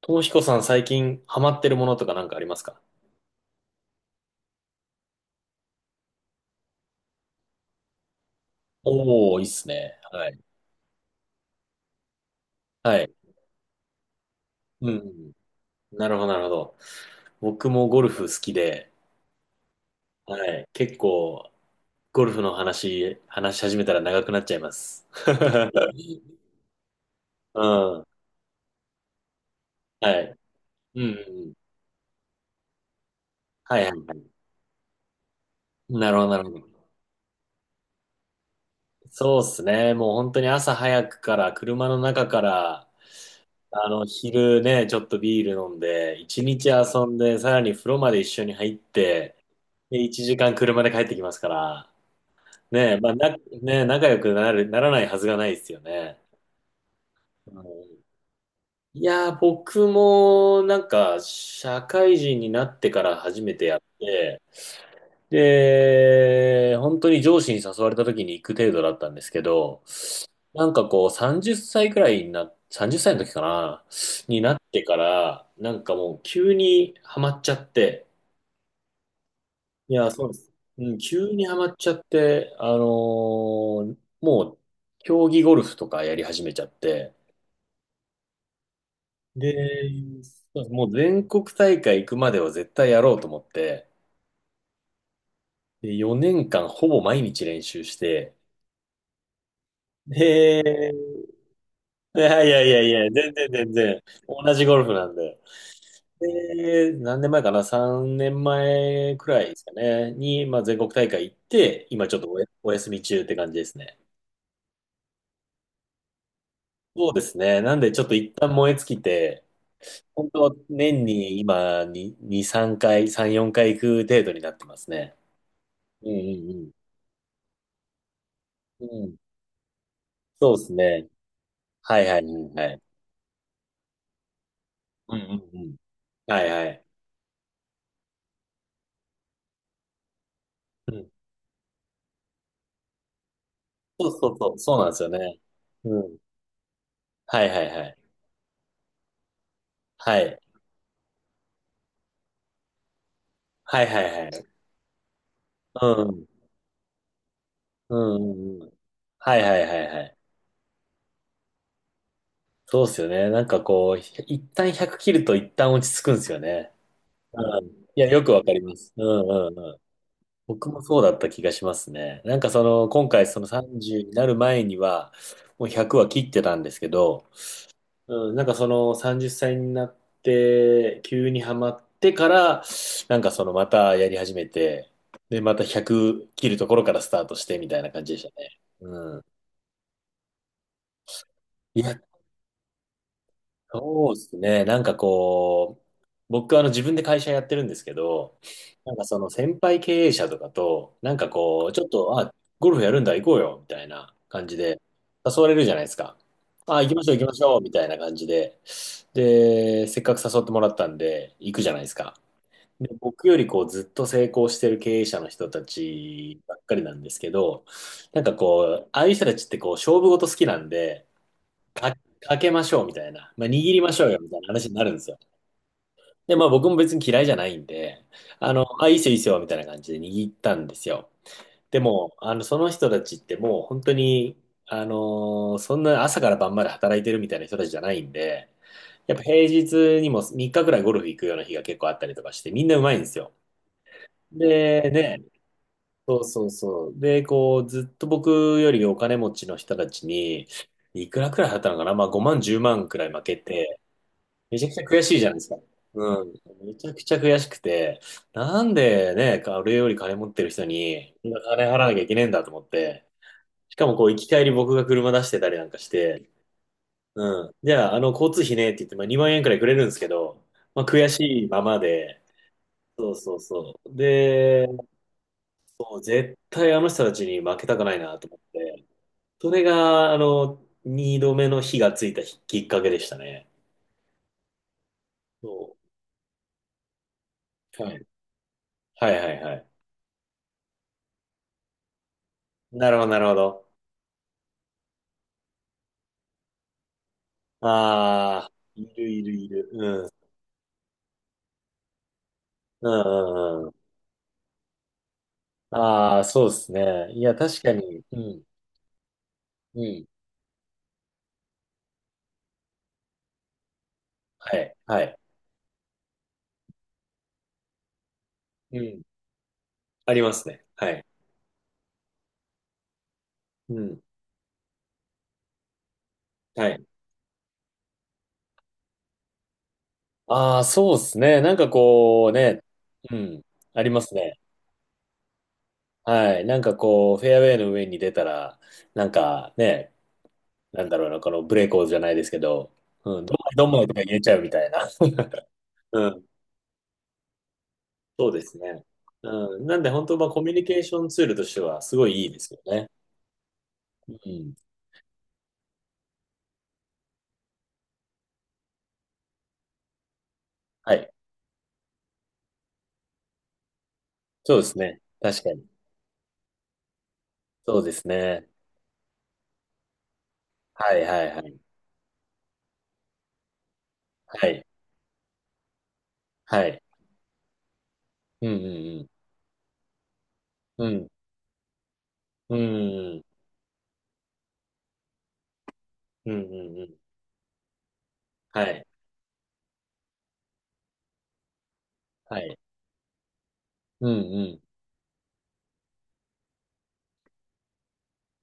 ともひこさん最近ハマってるものとかなんかありますか？おー、いいっすね。はい。はい。うん。なるほど、なるほど。僕もゴルフ好きで、はい。結構、ゴルフの話し始めたら長くなっちゃいます。うん。はい。うん。はい、はい、はい。なるほど、なるほど。そうっすね。もう本当に朝早くから、車の中から、昼ね、ちょっとビール飲んで、一日遊んで、さらに風呂まで一緒に入って、で、一時間車で帰ってきますから、ねえ、まあ、ねえ、仲良くなる、ならないはずがないですよね。うん。いやー、僕も、なんか、社会人になってから初めてやって、で、本当に上司に誘われた時に行く程度だったんですけど、なんかこう、30歳くらいにな、30歳の時かな、になってから、なんかもう急にハマっちゃって、いやー、そうです。うん、急にハマっちゃって、もう、競技ゴルフとかやり始めちゃって、で、そうですもう全国大会行くまでは絶対やろうと思って、で、4年間ほぼ毎日練習して、で、いやいやいやいや、全然全然、同じゴルフなんで。で、何年前かな？ 3 年前くらいですかね、に、まあ、全国大会行って、今ちょっとお休み中って感じですね。そうですね。なんでちょっと一旦燃え尽きて、本当は年に今に2、3回、3、4回行く程度になってますね。うんうんうん。うん。そうですね。はいはいはいはい。うんうんうん。はいはい。うん。そうそうそう。そうなんですよね。うん。はいはいはい。はい。はいはいはい。うん。うんうんうん。はいはいはいはい。そうですよね。なんかこう、一旦100切ると一旦落ち着くんですよね。うん。いや、よくわかります。うんうんうん。僕もそうだった気がしますね。なんかその、今回その30になる前には、もう100は切ってたんですけど、うん、なんかその30歳になって急にハマってから、なんかそのまたやり始めて、でまた100切るところからスタートしてみたいな感じでしたね。うん、いやそうですね。なんかこう、僕自分で会社やってるんですけど、なんかその先輩経営者とかと、なんかこう、ちょっと、あ、ゴルフやるんだ、行こうよ、みたいな感じで、誘われるじゃないですか。あ、行きましょう、行きましょう、みたいな感じで。で、せっかく誘ってもらったんで、行くじゃないですか。で、僕よりこう、ずっと成功してる経営者の人たちばっかりなんですけど、なんかこう、ああいう人たちってこう、勝負事好きなんで、あ、開けましょうみたいな。まあ、握りましょうよみたいな話になるんですよ。で、まあ僕も別に嫌いじゃないんで、あ、いいっすよいいっすよみたいな感じで握ったんですよ。でも、その人たちってもう本当に、あのそんな朝から晩まで働いてるみたいな人たちじゃないんで、やっぱ平日にも3日くらいゴルフ行くような日が結構あったりとかして、みんなうまいんですよ。で、ね、そうそうそう。で、こう、ずっと僕よりお金持ちの人たちに、いくらくらい払ったのかな、まあ5万、10万くらい負けて、めちゃくちゃ悔しいじゃないですか。うん。めちゃくちゃ悔しくて、なんでね、あれより金持ってる人に、こんな金払わなきゃいけねえんだと思って、しかもこう、行き帰り僕が車出してたりなんかして、うん。じゃあ、交通費ねって言って、まあ、2万円くらいくれるんですけど、まあ、悔しいままで、そうそうそう。で、もう絶対あの人たちに負けたくないなと思って、それが、2度目の火がついたきっかけでしたね。そう。はい。はいはいはい。なるほど、なるほど。ああ、いるいるいる。うん。うんうんうん。ああ、そうですね。いや、確かに。うん。うん。はい。はい。うん。ありますね。はい。うん。はい。ああ、そうですね。なんかこうね。うん。ありますね。はい。なんかこう、フェアウェイの上に出たら、なんかね、なんだろうな、このブレイコーじゃないですけど、うん。どんまいどんまいとか言えちゃうみたいな。うん。そうですね。うん。なんで本当、まあ、コミュニケーションツールとしては、すごいいいですよね。うん。はい。そうですね。確かに。そうですね。はいはいはい。はい。はい。うんうんうん。うん。うんうんうんうん。はい。はい。うん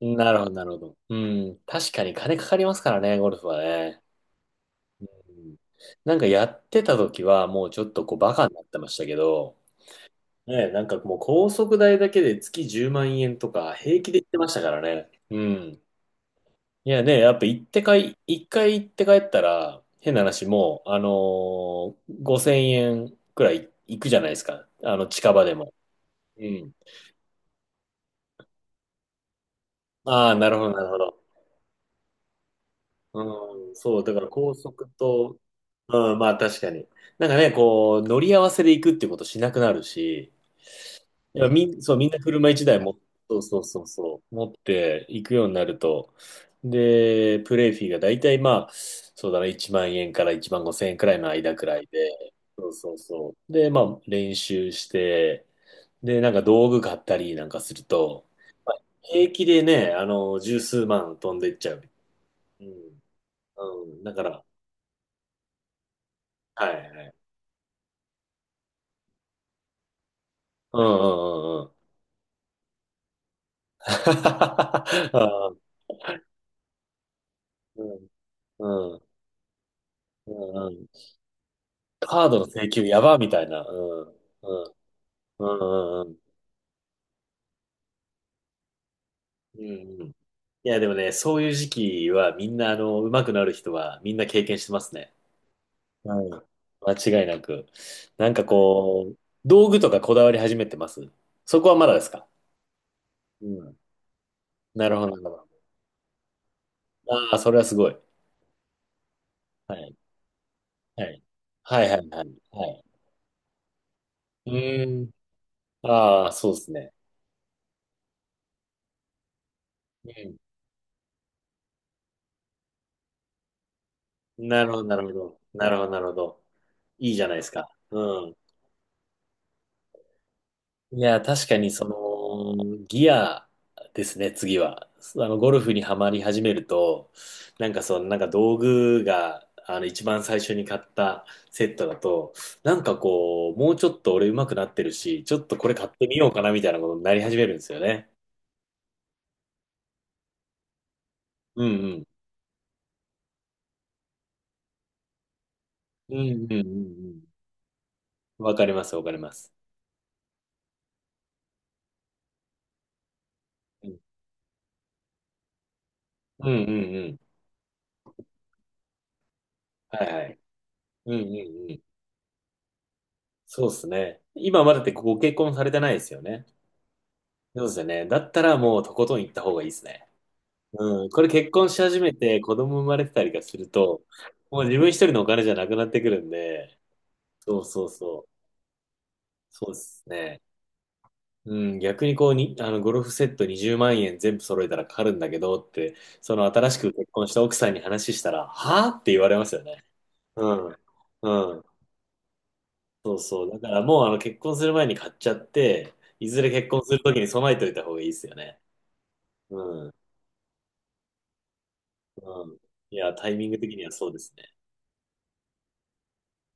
うん。なるほどなるほど。うん。確かに金かかりますからね、ゴルフはね。うん、なんかやってた時はもうちょっとこうバカになってましたけど、ね、なんかもう高速代だけで月10万円とか平気で言ってましたからね。うん。いやね、やっぱ行ってかい、一回行って帰ったら、変な話もう、5000円くらい行くじゃないですか。近場でも。うん。ああ、なるほど、なるほど。うん、そう、だから高速と、うん、まあ確かに。なんかね、こう、乗り合わせで行くってことしなくなるし、いや、そう、みんな車一台も、そうそうそうそう、持っていくようになると、で、プレイフィーがだいたいまあ、そうだな、1万円から1万5千円くらいの間くらいで、そうそうそう。で、まあ、練習して、で、なんか道具買ったりなんかすると、まあ、平気でね、十数万飛んでっちゃう。うん。うん。だから、はい、はい。うんうんうんうん。あー、うんうんうんうん、カードの請求やばみたいな。うん。うん。うんうんうん。うんうんうん。いや、でもね、そういう時期はみんな、上手くなる人はみんな経験してますね。はい。間違いなく。なんかこう、道具とかこだわり始めてます？そこはまだですか？うん。なるほど、なるほど。ああ、それはすごい。はい。はい。はいはいはい。はい。うーん。ああ、そうですね。うん。なるほど、なるほど。なるほど、なるほど。いいじゃないですか。うん。いや、確かにその、ギアですね、次は。ゴルフにはまり始めると、なんかその、なんか道具が、一番最初に買ったセットだと、なんかこう、もうちょっと俺上手くなってるし、ちょっとこれ買ってみようかなみたいなことになり始めるんですよね。うんうん。うんうんうんうん。わかります、わかります。うんうんうんうん。はいはい。うんうんうん。そうですね。今まだってご結婚されてないですよね。そうですよね。だったらもうとことん行った方がいいですね。うん、これ結婚し始めて子供生まれてたりがすると、もう自分一人のお金じゃなくなってくるんで、そうそうそう。そうですね。うん、逆にこうに、ゴルフセット20万円全部揃えたらかかるんだけどって、その新しく結婚した奥さんに話したら、はぁって言われますよね。うん。うん。そうそう。だからもう結婚する前に買っちゃって、いずれ結婚するときに備えておいた方がいいですよね。うん。うん。いや、タイミング的にはそうですね。